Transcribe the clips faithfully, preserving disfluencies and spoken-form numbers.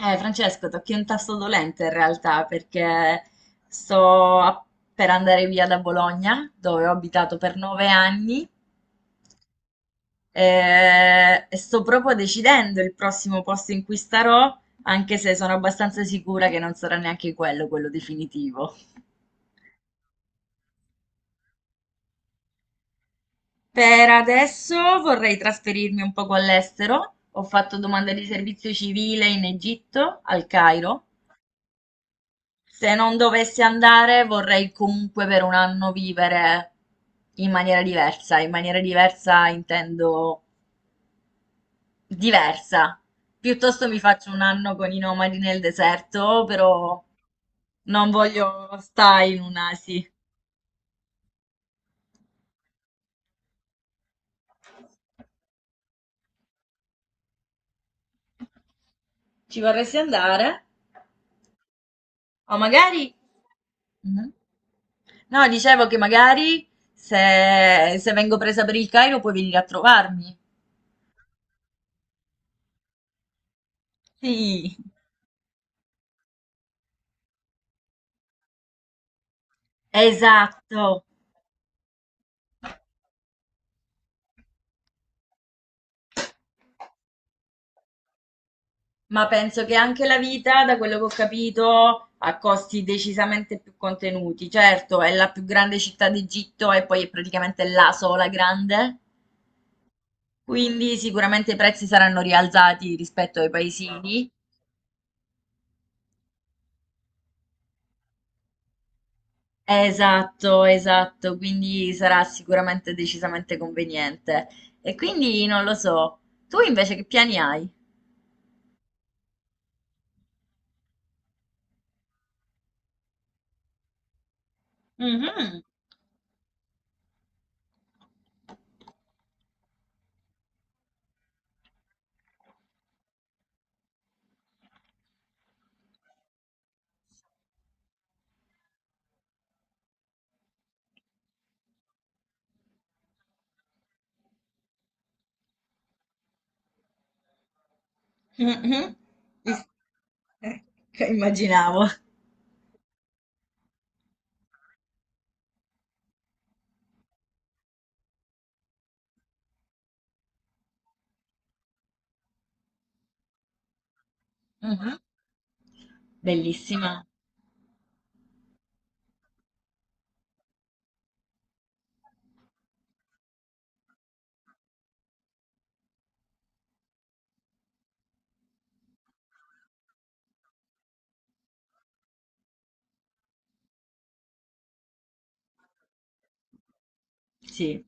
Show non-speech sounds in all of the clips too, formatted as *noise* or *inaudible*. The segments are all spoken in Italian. Eh, Francesco, tocchi un tasto dolente in realtà perché sto a- per andare via da Bologna, dove ho abitato per nove anni, eh, e sto proprio decidendo il prossimo posto in cui starò, anche se sono abbastanza sicura che non sarà neanche quello, quello definitivo. Per adesso vorrei trasferirmi un poco all'estero. Ho fatto domanda di servizio civile in Egitto, al Cairo. Se non dovessi andare, vorrei comunque per un anno vivere in maniera diversa. In maniera diversa intendo diversa. Piuttosto mi faccio un anno con i nomadi nel deserto, però non voglio stare in un'asi. Ci vorresti andare? O magari... Mhm. No, dicevo che magari se, se vengo presa per il Cairo puoi venire a trovarmi. Sì, esatto. Ma penso che anche la vita, da quello che ho capito, ha costi decisamente più contenuti. Certo, è la più grande città d'Egitto e poi è praticamente la sola grande, quindi sicuramente i prezzi saranno rialzati rispetto ai paesini. Esatto, esatto, quindi sarà sicuramente decisamente conveniente. E quindi non lo so. Tu invece che piani hai? Mhm, mhm. Is- *laughs* Immaginavo. Mhm. Bellissima. Sì.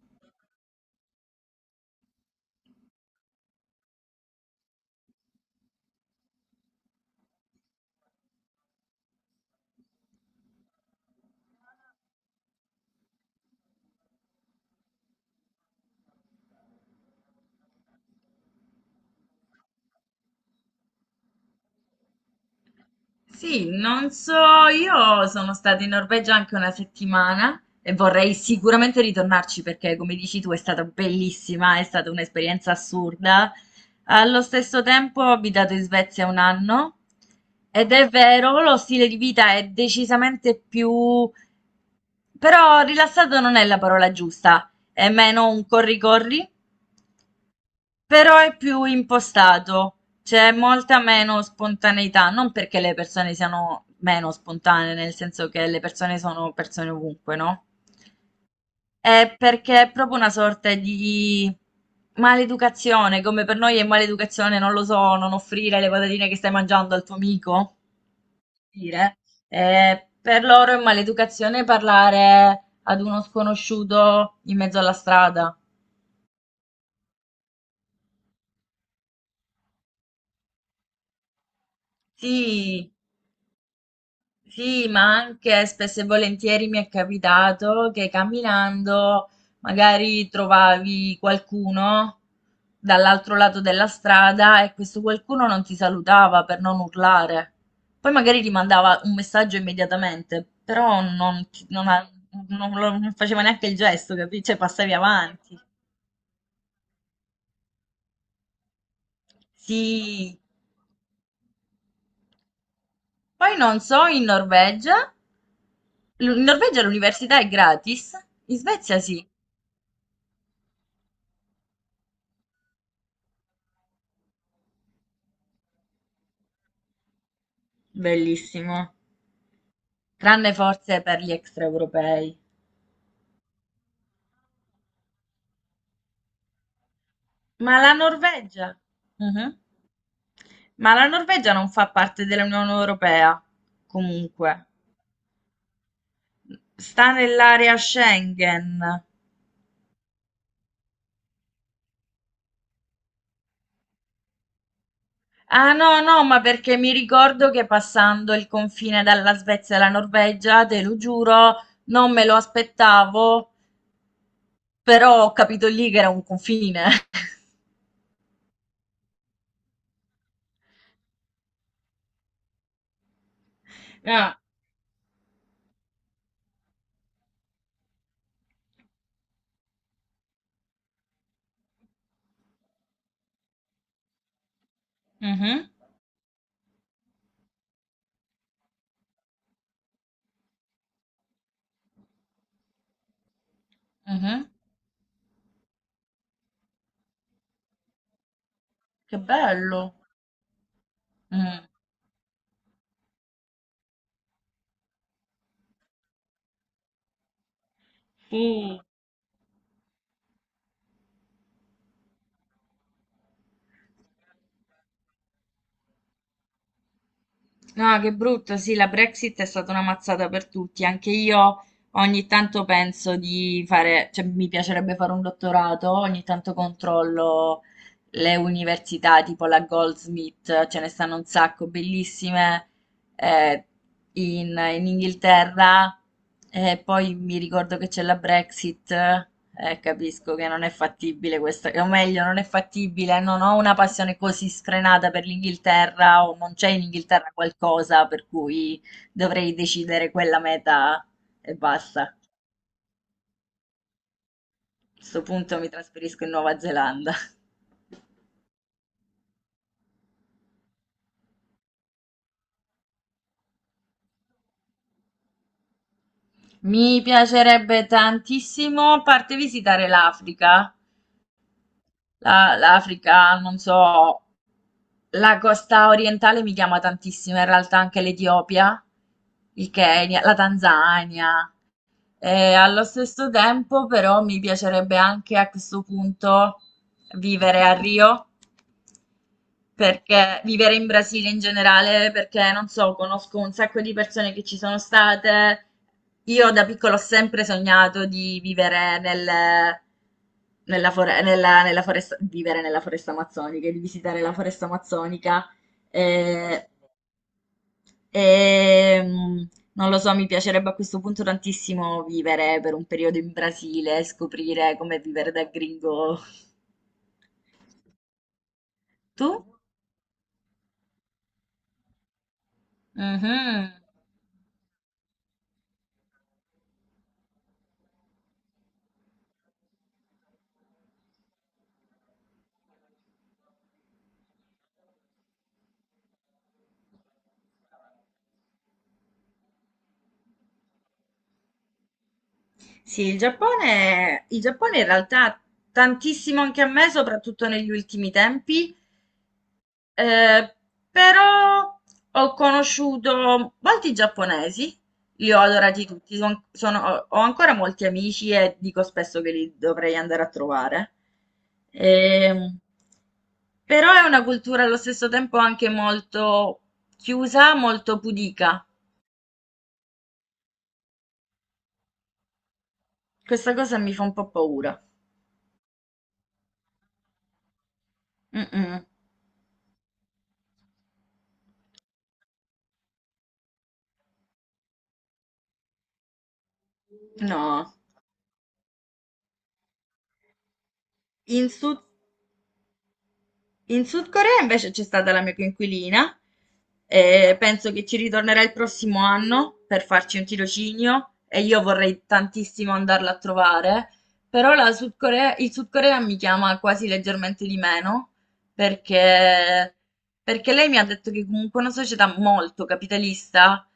Sì, non so, io sono stata in Norvegia anche una settimana e vorrei sicuramente ritornarci perché, come dici tu, è stata bellissima, è stata un'esperienza assurda. Allo stesso tempo ho abitato in Svezia un anno ed è vero, lo stile di vita è decisamente più... però rilassato non è la parola giusta, è meno un corri-corri però è più impostato, c'è molta meno spontaneità, non perché le persone siano meno spontanee, nel senso che le persone sono persone ovunque, no? È perché è proprio una sorta di maleducazione, come per noi è maleducazione, non lo so, non offrire le patatine che stai mangiando al tuo amico, dire. Eh, per loro è maleducazione parlare ad uno sconosciuto in mezzo alla strada. Sì. Sì, ma anche spesso e volentieri mi è capitato che camminando magari trovavi qualcuno dall'altro lato della strada e questo qualcuno non ti salutava per non urlare. Poi magari ti mandava un messaggio immediatamente, però non, ti- non ha- non lo- non faceva neanche il gesto, capisci? Cioè passavi avanti. Sì. Poi non so, in Norvegia, in Norvegia l'università è gratis, in Svezia sì. Bellissimo. Tranne forse per gli extraeuropei. Ma la Norvegia? Mhm. Ma la Norvegia non fa parte dell'Unione Europea, comunque. Sta nell'area Schengen. Ah no, no, ma perché mi ricordo che passando il confine dalla Svezia alla Norvegia, te lo giuro, non me lo aspettavo, però ho capito lì che era un confine. *laughs* Ah, mhm, mhm. Che bello. Mm. Uh. Ah, che brutto, sì, la Brexit è stata una mazzata per tutti. Anche io ogni tanto penso di fare, cioè mi piacerebbe fare un dottorato, ogni tanto controllo le università tipo la Goldsmith, ce ne stanno un sacco, bellissime, eh, in, in Inghilterra. E poi mi ricordo che c'è la Brexit, eh, capisco che non è fattibile questa, o meglio, non è fattibile, non ho una passione così sfrenata per l'Inghilterra o non c'è in Inghilterra qualcosa per cui dovrei decidere quella meta e basta. A questo punto mi trasferisco in Nuova Zelanda. Mi piacerebbe tantissimo, a parte visitare l'Africa, La- l'Africa, non so, la costa orientale mi chiama tantissimo, in realtà anche l'Etiopia, il Kenya, la Tanzania. E allo stesso tempo, però, mi piacerebbe anche a questo punto vivere a Rio, perché vivere in Brasile in generale, perché non so, conosco un sacco di persone che ci sono state. Io da piccola ho sempre sognato di vivere nel, nella, fore- nella- nella foresta, vivere nella foresta amazzonica, di visitare la foresta amazzonica. Eh, e, mm, non lo so, mi piacerebbe a questo punto tantissimo vivere per un periodo in Brasile, scoprire come vivere da gringo. Tu? Mhm. Sì, il Giappone, il Giappone in realtà tantissimo anche a me, soprattutto negli ultimi tempi, eh, però ho conosciuto molti giapponesi, li ho adorati tutti, son- sono- ho ancora molti amici e dico spesso che li dovrei andare a trovare. Ehm, però è una cultura allo stesso tempo anche molto chiusa, molto pudica. Questa cosa mi fa un po' paura. Mm-mm. No. In Sud... In Sud Corea invece c'è stata la mia coinquilina e penso che ci ritornerà il prossimo anno per farci un tirocinio e io vorrei tantissimo andarla a trovare, però la Sud Corea, il Sud Corea mi chiama quasi leggermente di meno perché, perché, lei mi ha detto che comunque è una società molto capitalista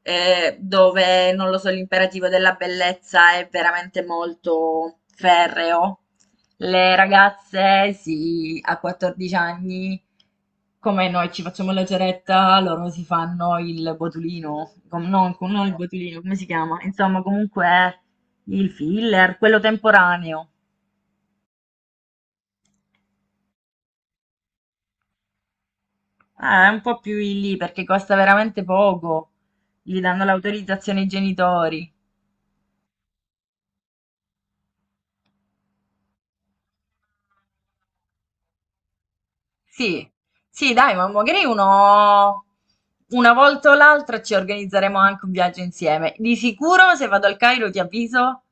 eh, dove, non lo so, l'imperativo della bellezza è veramente molto ferreo. Le ragazze, sì, a quattordici anni, come noi ci facciamo la ceretta, loro si fanno il botulino, com- non, com- non il botulino, come si chiama? Insomma, comunque il filler, quello temporaneo. Eh, è un po' più in lì perché costa veramente poco. Gli danno l'autorizzazione ai genitori. Sì, sì, dai, ma magari uno... Una volta o l'altra ci organizzeremo anche un viaggio insieme. Di sicuro, se vado al Cairo, ti avviso.